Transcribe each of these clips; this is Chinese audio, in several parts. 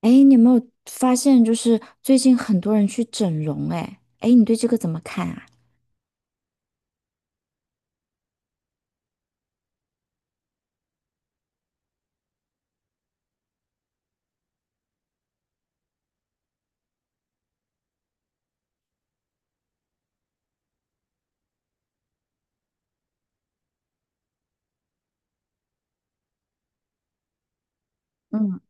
哎，你有没有发现，就是最近很多人去整容？哎，你对这个怎么看啊？嗯，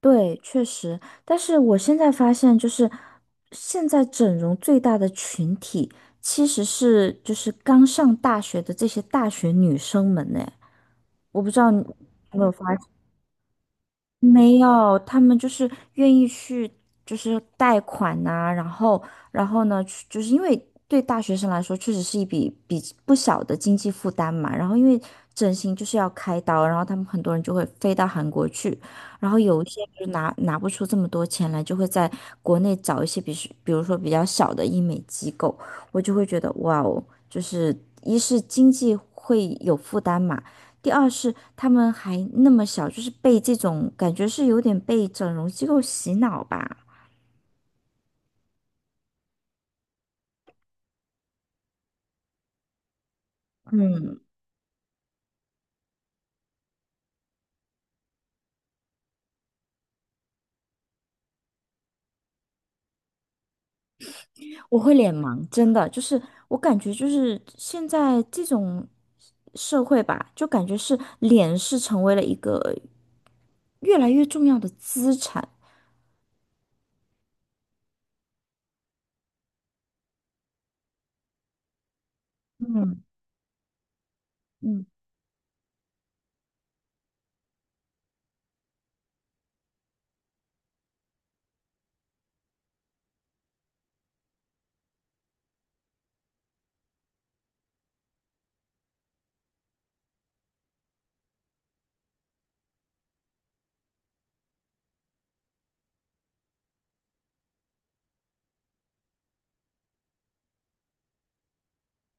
对，确实，但是我现在发现，就是现在整容最大的群体，其实是就是刚上大学的这些大学女生们呢。我不知道你有没有没有，他们就是愿意去，就是贷款呐、然后呢，去就是因为对大学生来说，确实是一笔不小的经济负担嘛。然后，因为整形就是要开刀，然后他们很多人就会飞到韩国去，然后有一些就拿不出这么多钱来，就会在国内找一些比如说比较小的医美机构，我就会觉得哇哦，就是一是经济会有负担嘛。第二是他们还那么小，就是被这种感觉是有点被整容机构洗脑吧。我会脸盲，真的，就是我感觉就是现在这种社会吧，就感觉是脸是成为了一个越来越重要的资产。嗯嗯。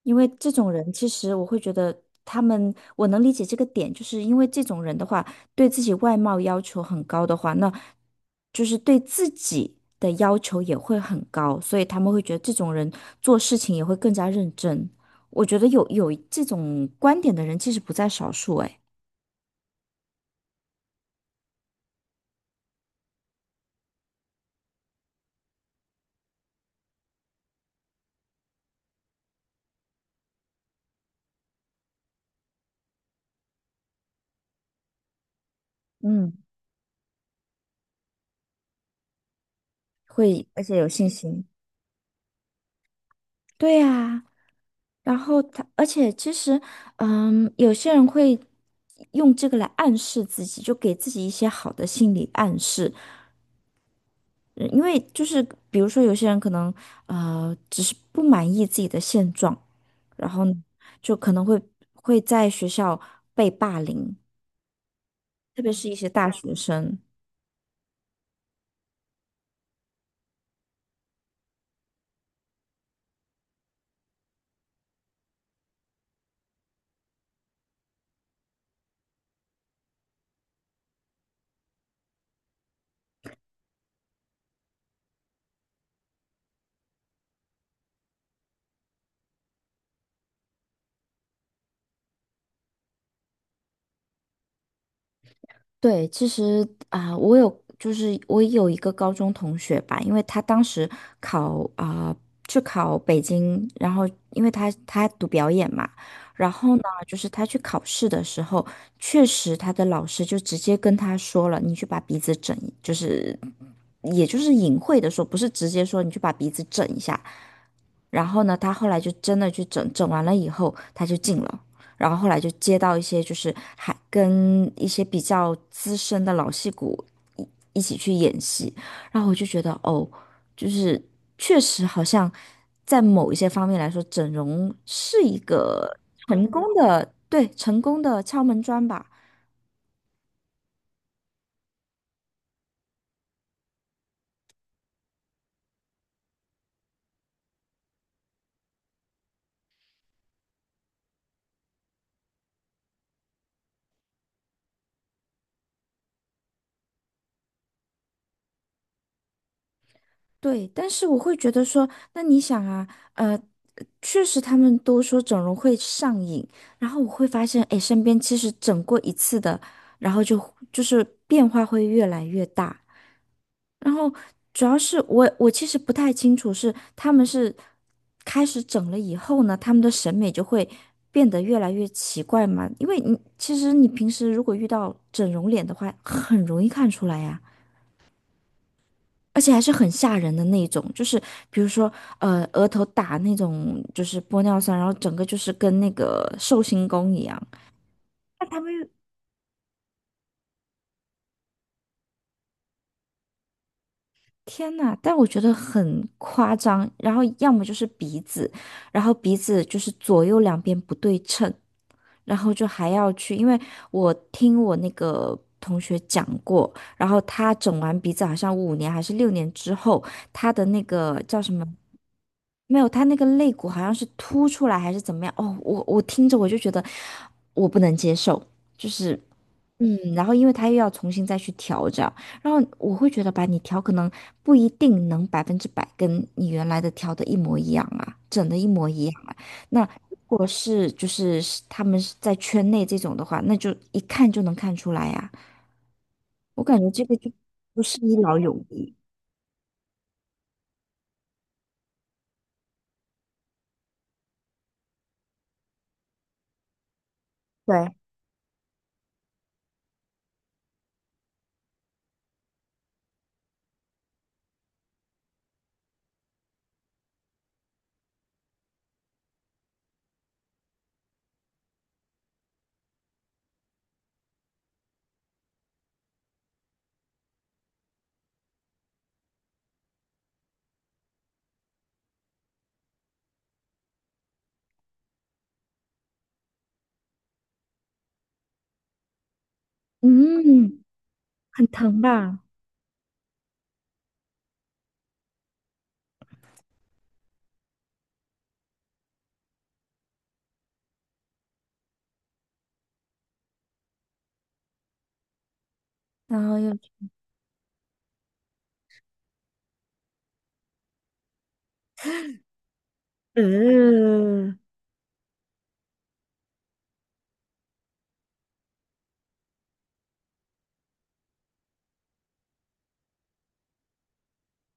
因为这种人，其实我会觉得他们，我能理解这个点，就是因为这种人的话，对自己外貌要求很高的话，那就是对自己的要求也会很高，所以他们会觉得这种人做事情也会更加认真。我觉得有这种观点的人其实不在少数，哎，嗯，会，而且有信心。对呀。然后而且其实，有些人会用这个来暗示自己，就给自己一些好的心理暗示，因为就是比如说有些人可能只是不满意自己的现状，然后呢就可能会在学校被霸凌，特别是一些大学生。对，其实啊、我有一个高中同学吧，因为他当时考啊、去考北京，然后因为他读表演嘛，然后呢，就是他去考试的时候，确实他的老师就直接跟他说了，你去把鼻子整一就是也就是隐晦的说，不是直接说你去把鼻子整一下，然后呢，他后来就真的去整完了以后，他就进了。然后后来就接到一些就是还跟一些比较资深的老戏骨一一起去演戏，然后我就觉得哦，就是确实好像在某一些方面来说，整容是一个成功的，对，成功的敲门砖吧。对，但是我会觉得说，那你想啊，呃，确实他们都说整容会上瘾，然后我会发现，哎，身边其实整过一次的，然后就是变化会越来越大。然后主要是我其实不太清楚是他们是开始整了以后呢，他们的审美就会变得越来越奇怪嘛，因为你其实平时如果遇到整容脸的话，很容易看出来呀。而且还是很吓人的那种，就是比如说，额头打那种就是玻尿酸，然后整个就是跟那个寿星公一样。那他们又天呐，但我觉得很夸张。然后要么就是鼻子，然后鼻子就是左右两边不对称，然后就还要去，因为我听我那个同学讲过，然后他整完鼻子好像5年还是6年之后，他的那个叫什么。没有，他那个肋骨好像是凸出来还是怎么样？哦，我听着我就觉得我不能接受，就是然后因为他又要重新再去调整，然后我会觉得吧，你调可能不一定能100%跟你原来的调的一模一样啊，整的一模一样啊。那如果他们是在圈内这种的话，那就一看就能看出来呀、我感觉这个就不是一劳永逸，对，嗯，很疼吧？然后又。嗯，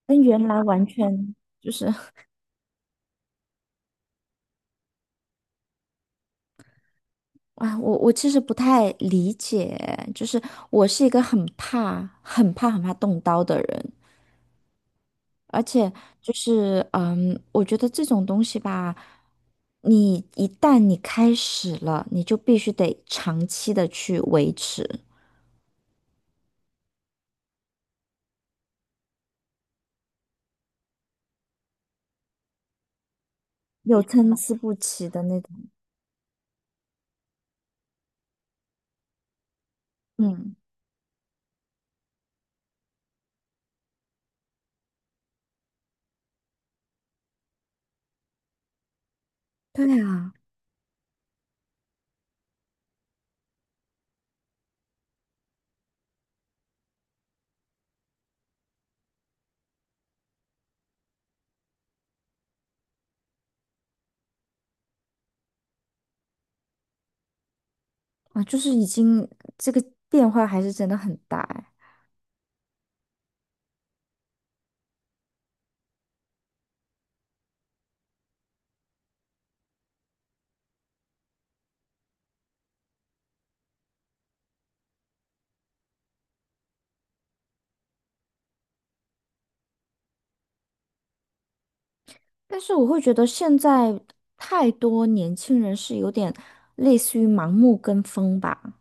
跟原来完全就是啊，我其实不太理解，就是我是一个很怕、很怕、很怕动刀的人，而且就是我觉得这种东西吧，你一旦你开始了，你就必须得长期的去维持，有参差不齐的那种。嗯，对啊，啊，就是已经这个变化还是真的很大哎。但是我会觉得现在太多年轻人是有点类似于盲目跟风吧，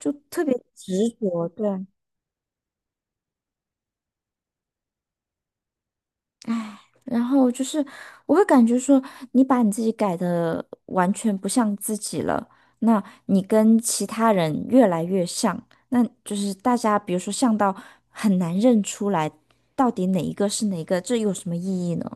就特别执着，对，唉，然后就是我会感觉说，你把你自己改的完全不像自己了，那你跟其他人越来越像，那就是大家比如说像到很难认出来到底哪一个是哪一个，这有什么意义呢？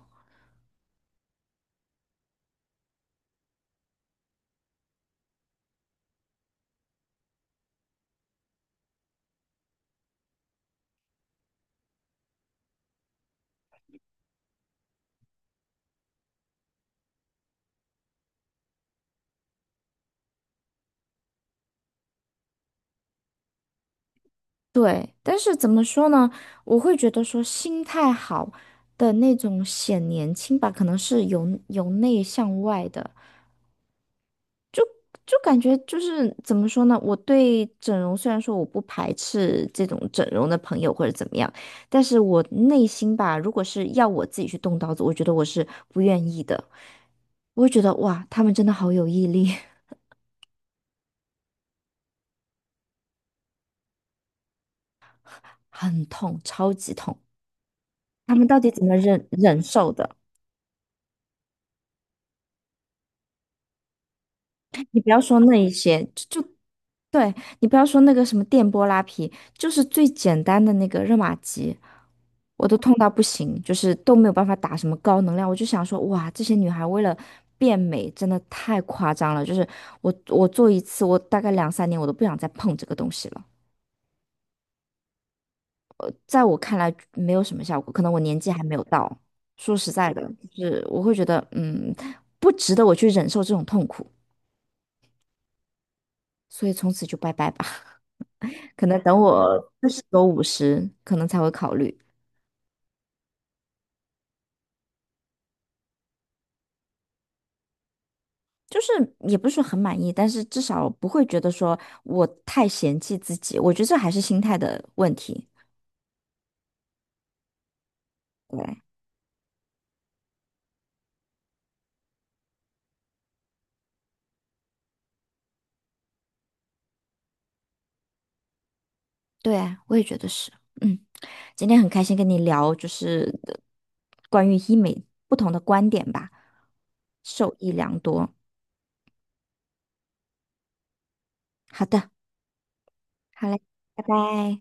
对，但是怎么说呢？我会觉得说心态好的那种显年轻吧，可能是由内向外的，就感觉就是怎么说呢？我对整容虽然说我不排斥这种整容的朋友或者怎么样，但是我内心吧，如果是要我自己去动刀子，我觉得我是不愿意的。我会觉得哇，他们真的好有毅力，很痛，超级痛，他们到底怎么忍受的？你不要说那一些，对，你不要说那个什么电波拉皮，就是最简单的那个热玛吉，我都痛到不行，就是都没有办法打什么高能量。我就想说，哇，这些女孩为了变美，真的太夸张了。就是我做一次，我大概两三年我都不想再碰这个东西了。在我看来没有什么效果，可能我年纪还没有到。说实在的，就是我会觉得，不值得我去忍受这种痛苦，所以从此就拜拜吧。可能等我40多50，五十可能才会考虑。就是也不是说很满意，但是至少不会觉得说我太嫌弃自己。我觉得这还是心态的问题。对，对，我也觉得是。嗯，今天很开心跟你聊，就是关于医美不同的观点吧，受益良多。好的，好嘞，拜拜。